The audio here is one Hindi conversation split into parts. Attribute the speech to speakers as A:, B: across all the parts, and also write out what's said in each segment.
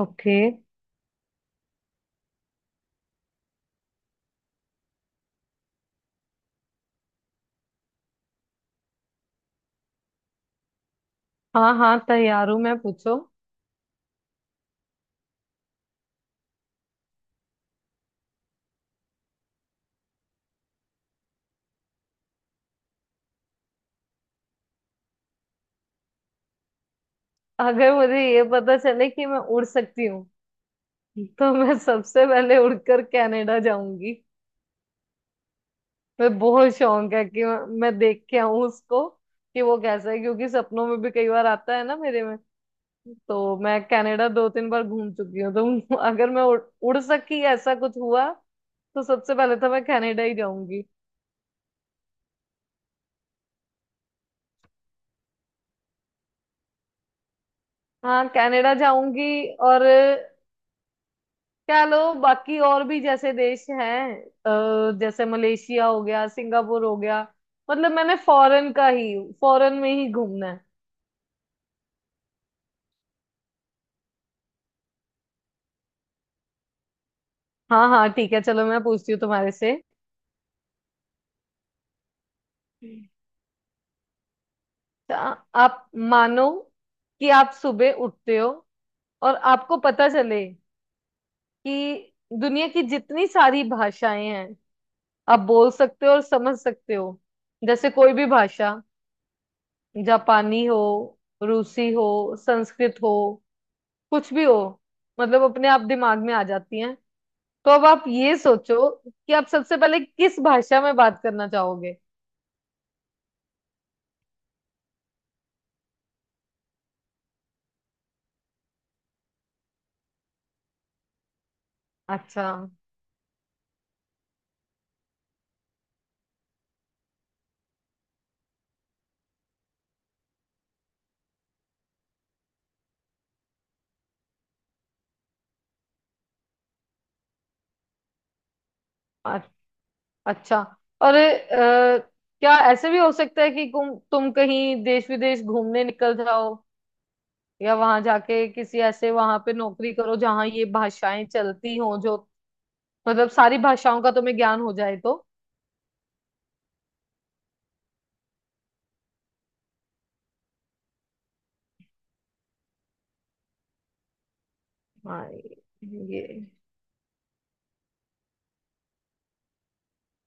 A: ओके। हाँ, हाँ, तैयार हूँ, मैं पूछो। अगर मुझे ये पता चले कि मैं उड़ सकती हूँ, तो मैं सबसे पहले उड़कर कनाडा जाऊंगी। मैं बहुत शौक है कि मैं देख के आऊं उसको कि वो कैसा है, क्योंकि सपनों में भी कई बार आता है ना मेरे में। तो मैं कनाडा दो तीन बार घूम चुकी हूँ, तो अगर मैं उड़ सकी, ऐसा कुछ हुआ, तो सबसे पहले तो मैं कनाडा ही जाऊंगी। हाँ, कनाडा जाऊंगी। और क्या लो, बाकी और भी जैसे देश हैं, जैसे मलेशिया हो गया, सिंगापुर हो गया। मतलब मैंने फॉरेन का ही, फॉरेन में ही घूमना है। हाँ, हाँ, ठीक है, चलो मैं पूछती हूँ तुम्हारे से। तो आप मानो कि आप सुबह उठते हो और आपको पता चले कि दुनिया की जितनी सारी भाषाएं हैं, आप बोल सकते हो और समझ सकते हो। जैसे कोई भी भाषा, जापानी हो, रूसी हो, संस्कृत हो, कुछ भी हो, मतलब अपने आप दिमाग में आ जाती हैं। तो अब आप ये सोचो कि आप सबसे पहले किस भाषा में बात करना चाहोगे। अच्छा। अ- अच्छा। और क्या ऐसे भी हो सकता है कि तुम कहीं देश विदेश घूमने निकल जाओ, या वहां जाके किसी ऐसे, वहां पे नौकरी करो जहाँ ये भाषाएं चलती हों, जो मतलब सारी भाषाओं का तुम्हें ज्ञान हो जाए तो। हाँ, ये,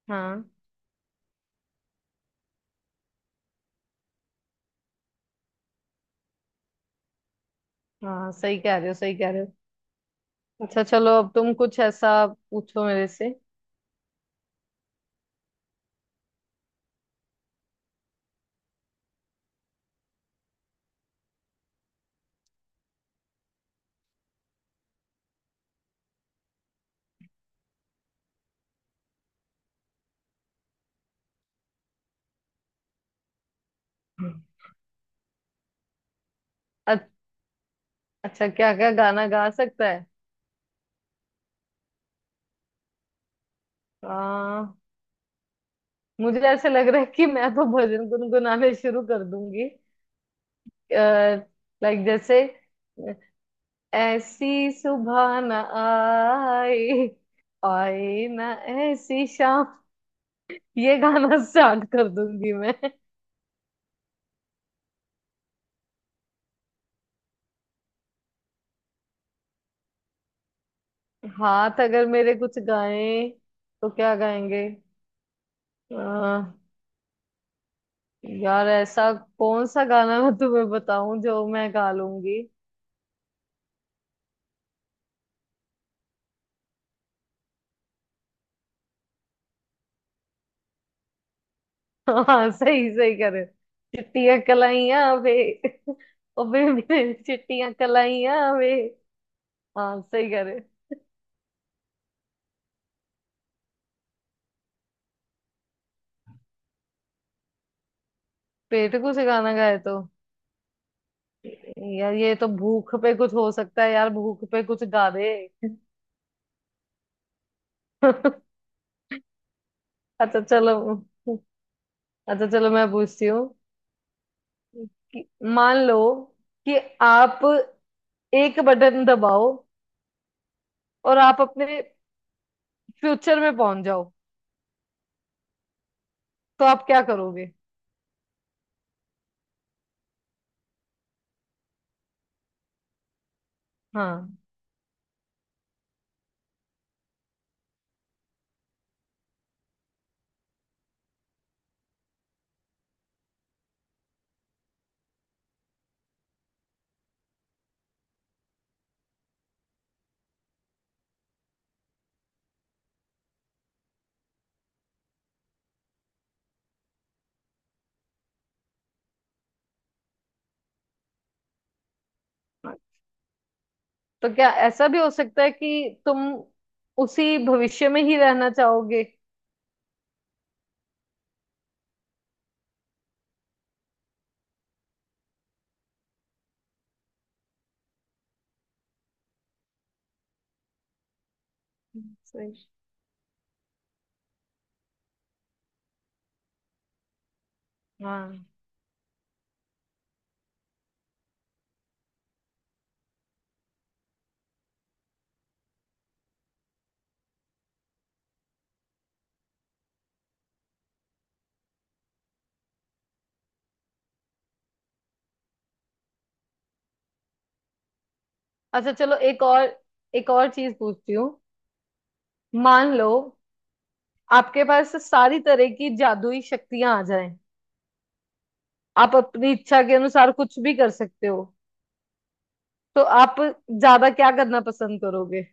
A: हाँ, हाँ, सही कह रहे हो, सही कह रहे हो। अच्छा चलो, अब तुम कुछ ऐसा पूछो मेरे से। अ- अच्छा, क्या क्या गाना गा सकता है। आ, मुझे ऐसे लग रहा है कि मैं तो भजन गुनगुनाने शुरू कर दूंगी। लाइक जैसे, ऐसी सुबह ना आए, आए ना ऐसी शाम, ये गाना स्टार्ट कर दूंगी मैं। हाथ अगर मेरे कुछ गाएं, तो क्या गाएंगे? यार, ऐसा कौन सा गाना मैं तुम्हें बताऊं जो मैं गा लूंगी? हाँ, सही, सही करे। चिट्टियां कलाइयां वे, ओ बेबी, चिट्टियां कलाइयां वे। हाँ, सही करे। पेट कुछ गाना गाए तो? यार, ये तो भूख पे कुछ हो सकता है। यार, भूख पे कुछ गा दे अच्छा चलो। मैं पूछती हूँ कि मान लो कि आप एक बटन दबाओ और आप अपने फ्यूचर में पहुंच जाओ, तो आप क्या करोगे? हाँ, तो क्या ऐसा भी हो सकता है कि तुम उसी भविष्य में ही रहना चाहोगे? सही। हाँ। अच्छा चलो, एक और चीज पूछती हूँ। मान लो आपके पास सारी तरह की जादुई शक्तियां आ जाएं, आप अपनी इच्छा के अनुसार कुछ भी कर सकते हो, तो आप ज्यादा क्या करना पसंद करोगे?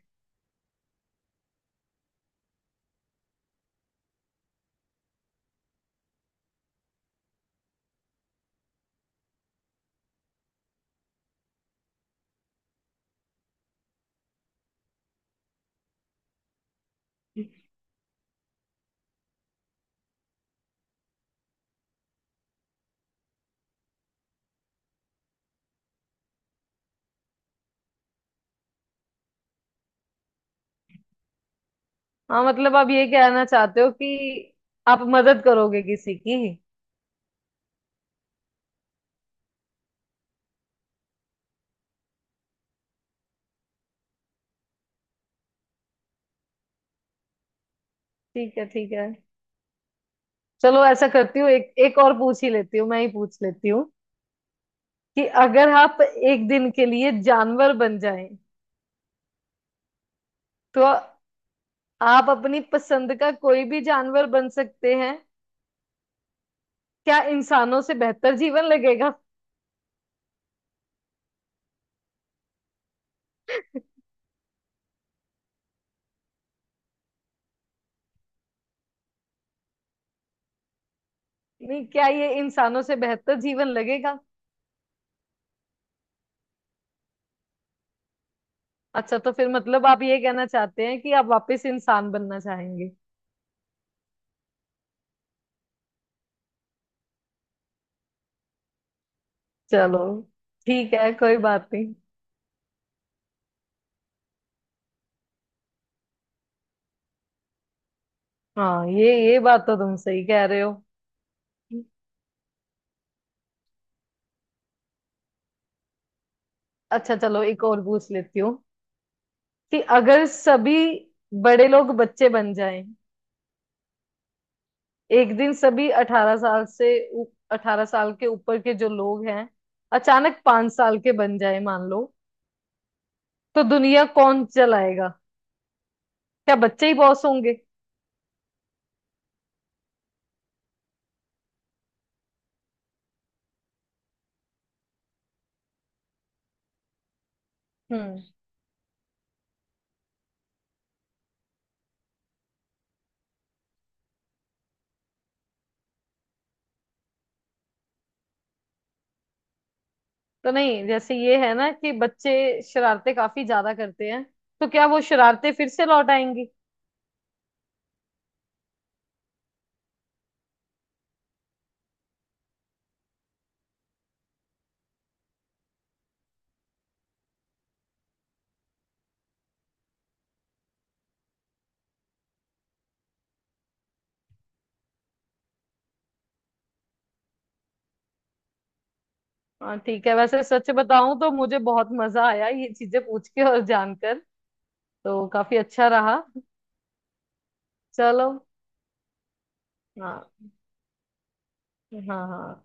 A: हाँ, मतलब आप ये कहना चाहते हो कि आप मदद करोगे किसी की। ठीक है, ठीक है। चलो ऐसा करती हूँ, एक एक और पूछ ही लेती हूँ, मैं ही पूछ लेती हूँ कि अगर आप एक दिन के लिए जानवर बन जाएं, तो आप अपनी पसंद का कोई भी जानवर बन सकते हैं। क्या इंसानों से बेहतर जीवन लगेगा? नहीं, क्या ये इंसानों से बेहतर जीवन लगेगा? अच्छा, तो फिर मतलब आप ये कहना चाहते हैं कि आप वापस इंसान बनना चाहेंगे। चलो, ठीक है, कोई बात नहीं। हाँ, ये बात तो तुम सही कह रहे हो। अच्छा चलो, एक और पूछ लेती हूँ कि अगर सभी बड़े लोग बच्चे बन जाएं, एक दिन, सभी 18 साल के ऊपर के जो लोग हैं, अचानक 5 साल के बन जाए, मान लो, तो दुनिया कौन चलाएगा? क्या बच्चे ही बॉस होंगे? हम्म तो नहीं, जैसे ये है ना कि बच्चे शरारतें काफी ज्यादा करते हैं, तो क्या वो शरारतें फिर से लौट आएंगी? हाँ, ठीक है। वैसे सच बताऊं तो मुझे बहुत मजा आया ये चीजें पूछ के और जानकर, तो काफी अच्छा रहा। चलो। हाँ, हाँ, हाँ।